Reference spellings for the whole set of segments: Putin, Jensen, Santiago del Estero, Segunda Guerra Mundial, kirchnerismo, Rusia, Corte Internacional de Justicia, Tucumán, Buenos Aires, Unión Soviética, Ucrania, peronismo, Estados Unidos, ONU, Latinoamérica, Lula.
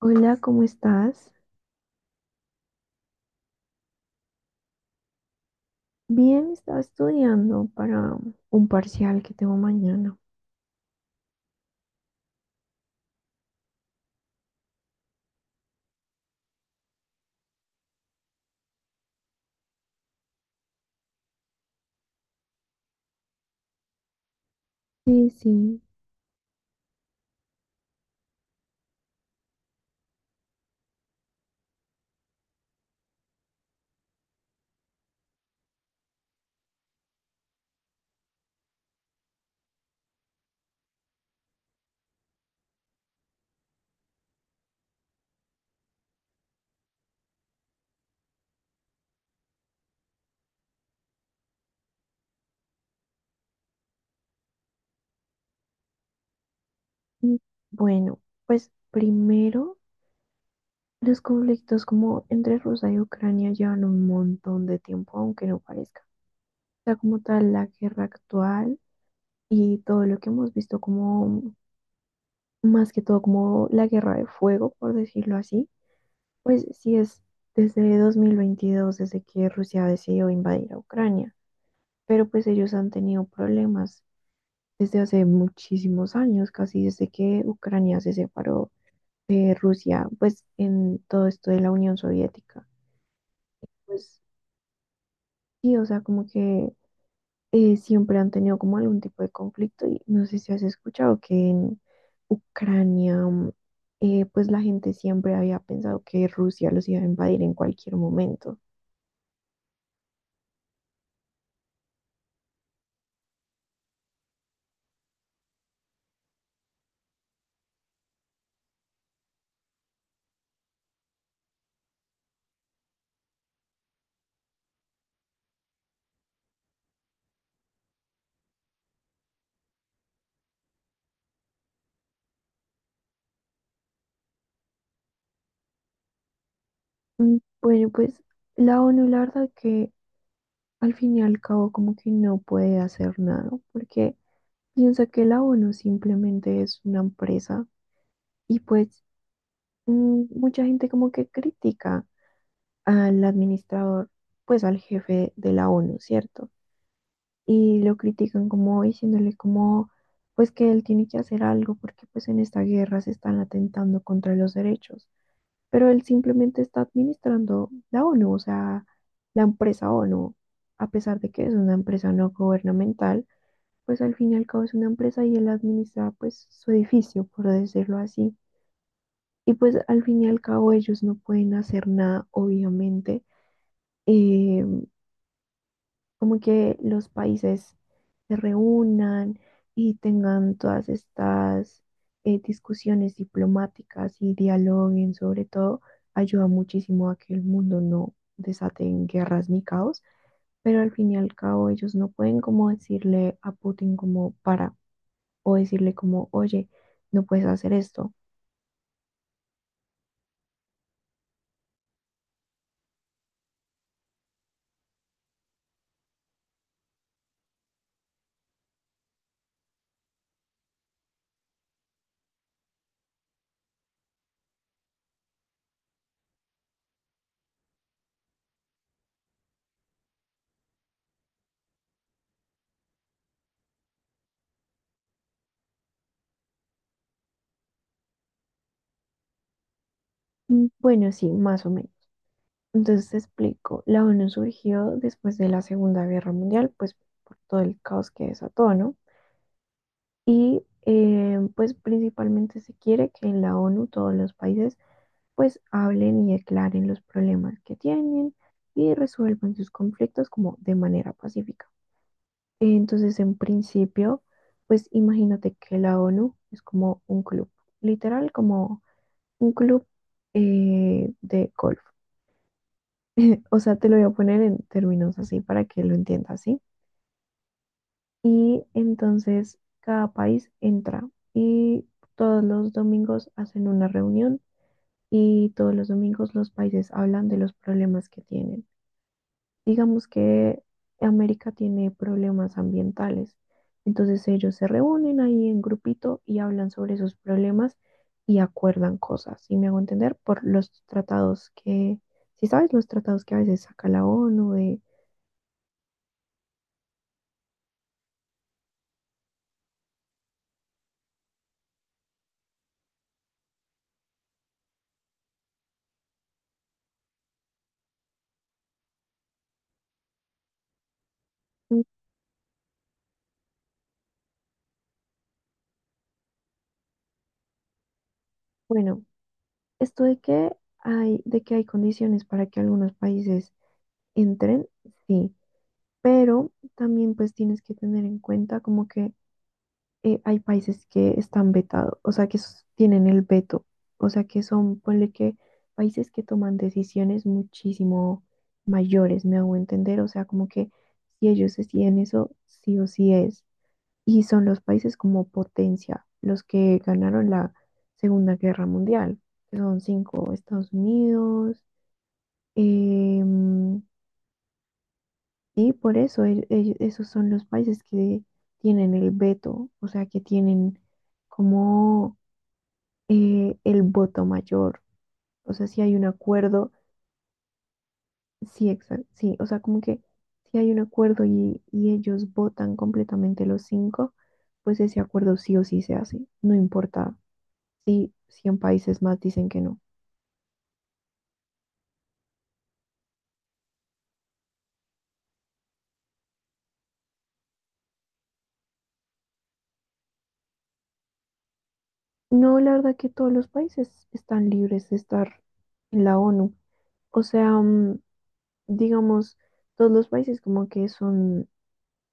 Hola, ¿cómo estás? Bien, estaba estudiando para un parcial que tengo mañana. Sí, sí. Mm, Bueno, pues primero, los conflictos como entre Rusia y Ucrania llevan un montón de tiempo, aunque no parezca. O sea, como tal, la guerra actual y todo lo que hemos visto como, más que todo, como la guerra de fuego, por decirlo así, pues sí es desde 2022, desde que Rusia decidió invadir a Ucrania. Pero pues ellos han tenido problemas desde hace muchísimos años, casi desde que Ucrania se separó de Rusia, pues en todo esto de la Unión Soviética. Pues sí, o sea, como que siempre han tenido como algún tipo de conflicto, y no sé si has escuchado que en Ucrania, pues la gente siempre había pensado que Rusia los iba a invadir en cualquier momento. Mm, Bueno, pues la ONU, la verdad que al fin y al cabo como que no puede hacer nada, porque piensa que la ONU simplemente es una empresa, y pues mucha gente como que critica al administrador, pues al jefe de la ONU, ¿cierto? Y lo critican como diciéndole como pues que él tiene que hacer algo porque pues en esta guerra se están atentando contra los derechos, pero él simplemente está administrando la ONU, o sea, la empresa ONU, a pesar de que es una empresa no gubernamental, pues al fin y al cabo es una empresa y él administra pues su edificio, por decirlo así. Y pues al fin y al cabo ellos no pueden hacer nada, obviamente. Eh, como que los países se reúnan y tengan todas estas discusiones diplomáticas y dialoguen sobre todo, ayuda muchísimo a que el mundo no desaten guerras ni caos, pero al fin y al cabo ellos no pueden como decirle a Putin como para o decirle como: oye, no puedes hacer esto. Bueno, sí, más o menos. Entonces te explico, la ONU surgió después de la Segunda Guerra Mundial, pues por todo el caos que desató, ¿no? Y pues principalmente se quiere que en la ONU todos los países pues hablen y declaren los problemas que tienen y resuelvan sus conflictos como de manera pacífica. Entonces, en principio, pues imagínate que la ONU es como un club, literal como un club de golf. O sea, te lo voy a poner en términos así para que lo entiendas, ¿sí? Y entonces cada país entra y todos los domingos hacen una reunión, y todos los domingos los países hablan de los problemas que tienen. Digamos que América tiene problemas ambientales, entonces ellos se reúnen ahí en grupito y hablan sobre esos problemas y acuerdan cosas, y me hago entender por los tratados que, si sabes, los tratados que a veces saca la ONU de, mm, bueno, esto de que hay condiciones para que algunos países entren, sí, pero también pues tienes que tener en cuenta como que hay países que están vetados, o sea, que s- tienen el veto, o sea, que son, ponle que países que toman decisiones muchísimo mayores, me hago entender, o sea, como que si ellos deciden eso, sí o sí es. Y son los países como potencia, los que ganaron la Segunda Guerra Mundial, que son cinco: Estados Unidos, em, y por eso el- esos son los países que tienen el veto, o sea, que tienen como el voto mayor. O sea, si hay un acuerdo, sí, exacto, sí, o sea, como que si hay un acuerdo y, ellos votan completamente los cinco, pues ese acuerdo sí o sí se hace, no importa si 100 países más dicen que no. No, la verdad que todos los países están libres de estar en la ONU. O sea, digamos, todos los países como que son,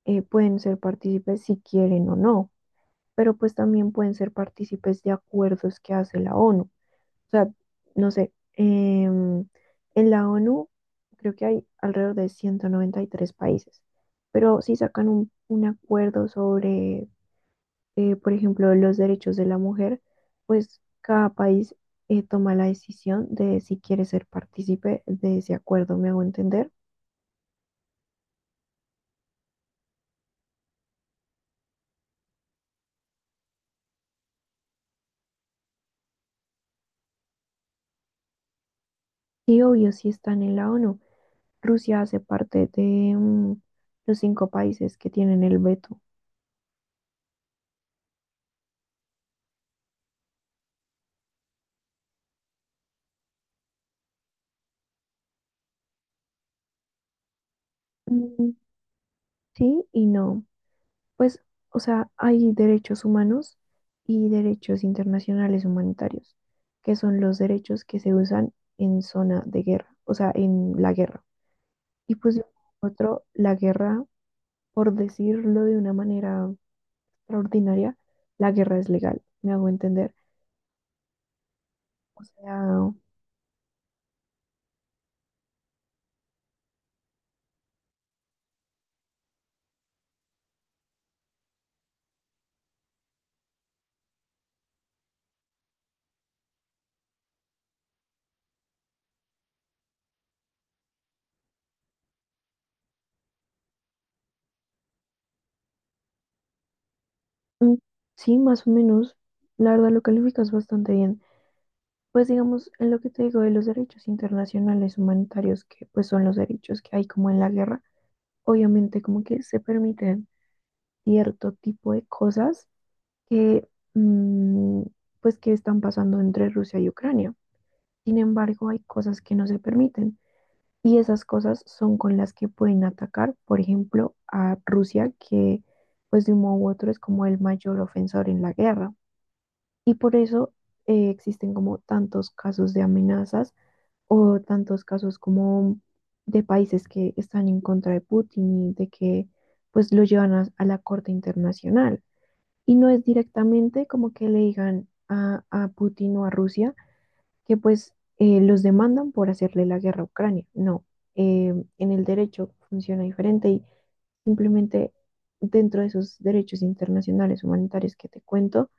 pueden ser partícipes si quieren o no. Pero pues también pueden ser partícipes de acuerdos que hace la ONU. O sea, no sé, en la ONU creo que hay alrededor de 193 países, pero si sacan un acuerdo sobre, por ejemplo, los derechos de la mujer, pues cada país toma la decisión de si quiere ser partícipe de ese acuerdo, me hago entender. Y obvio, si están en la ONU, Rusia hace parte de los cinco países que tienen el veto. Mm, Sí y no. Pues, o sea, hay derechos humanos y derechos internacionales humanitarios, que son los derechos que se usan en zona de guerra, o sea, en la guerra. Y pues de otro, la guerra, por decirlo de una manera extraordinaria, la guerra es legal, me hago entender. O sea, mm, sí, más o menos, la verdad lo calificas bastante bien. Pues digamos, en lo que te digo de los derechos internacionales humanitarios, que pues son los derechos que hay como en la guerra, obviamente como que se permiten cierto tipo de cosas que, mm, pues que están pasando entre Rusia y Ucrania. Sin embargo, hay cosas que no se permiten y esas cosas son con las que pueden atacar, por ejemplo, a Rusia, que pues de un modo u otro es como el mayor ofensor en la guerra. Y por eso existen como tantos casos de amenazas o tantos casos como de países que están en contra de Putin y de que pues lo llevan a la Corte Internacional. Y no es directamente como que le digan a Putin o a Rusia que pues los demandan por hacerle la guerra a Ucrania. No, eh, en el derecho funciona diferente, y simplemente dentro de esos derechos internacionales humanitarios que te cuento,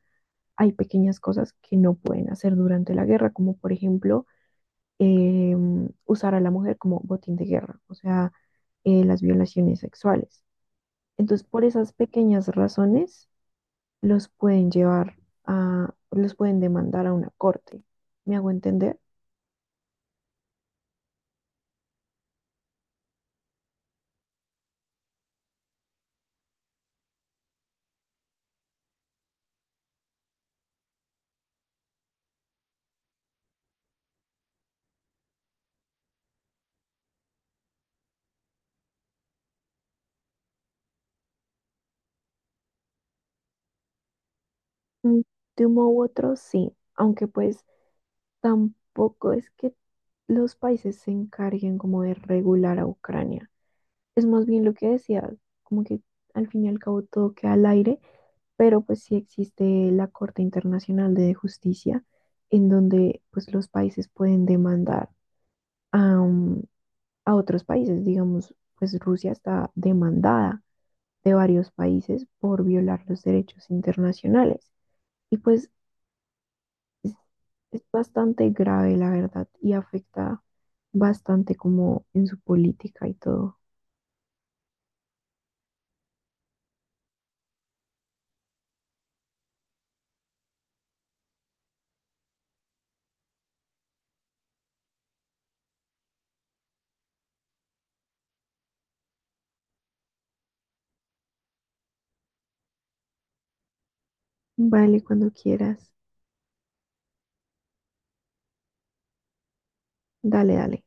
hay pequeñas cosas que no pueden hacer durante la guerra, como por ejemplo eh, usar a la mujer como botín de guerra, o sea, las violaciones sexuales. Entonces, por esas pequeñas razones, los pueden llevar a, los pueden demandar a una corte. ¿Me hago entender? Mm, De uno u otro, sí, aunque pues tampoco es que los países se encarguen como de regular a Ucrania. Es más bien lo que decía, como que al fin y al cabo todo queda al aire, pero pues sí existe la Corte Internacional de Justicia, en donde pues los países pueden demandar a, um, a otros países, digamos, pues Rusia está demandada de varios países por violar los derechos internacionales, y pues es, es bastante grave la verdad, y afecta bastante como en su política y todo. Vale, cuando quieras. Dale, dale.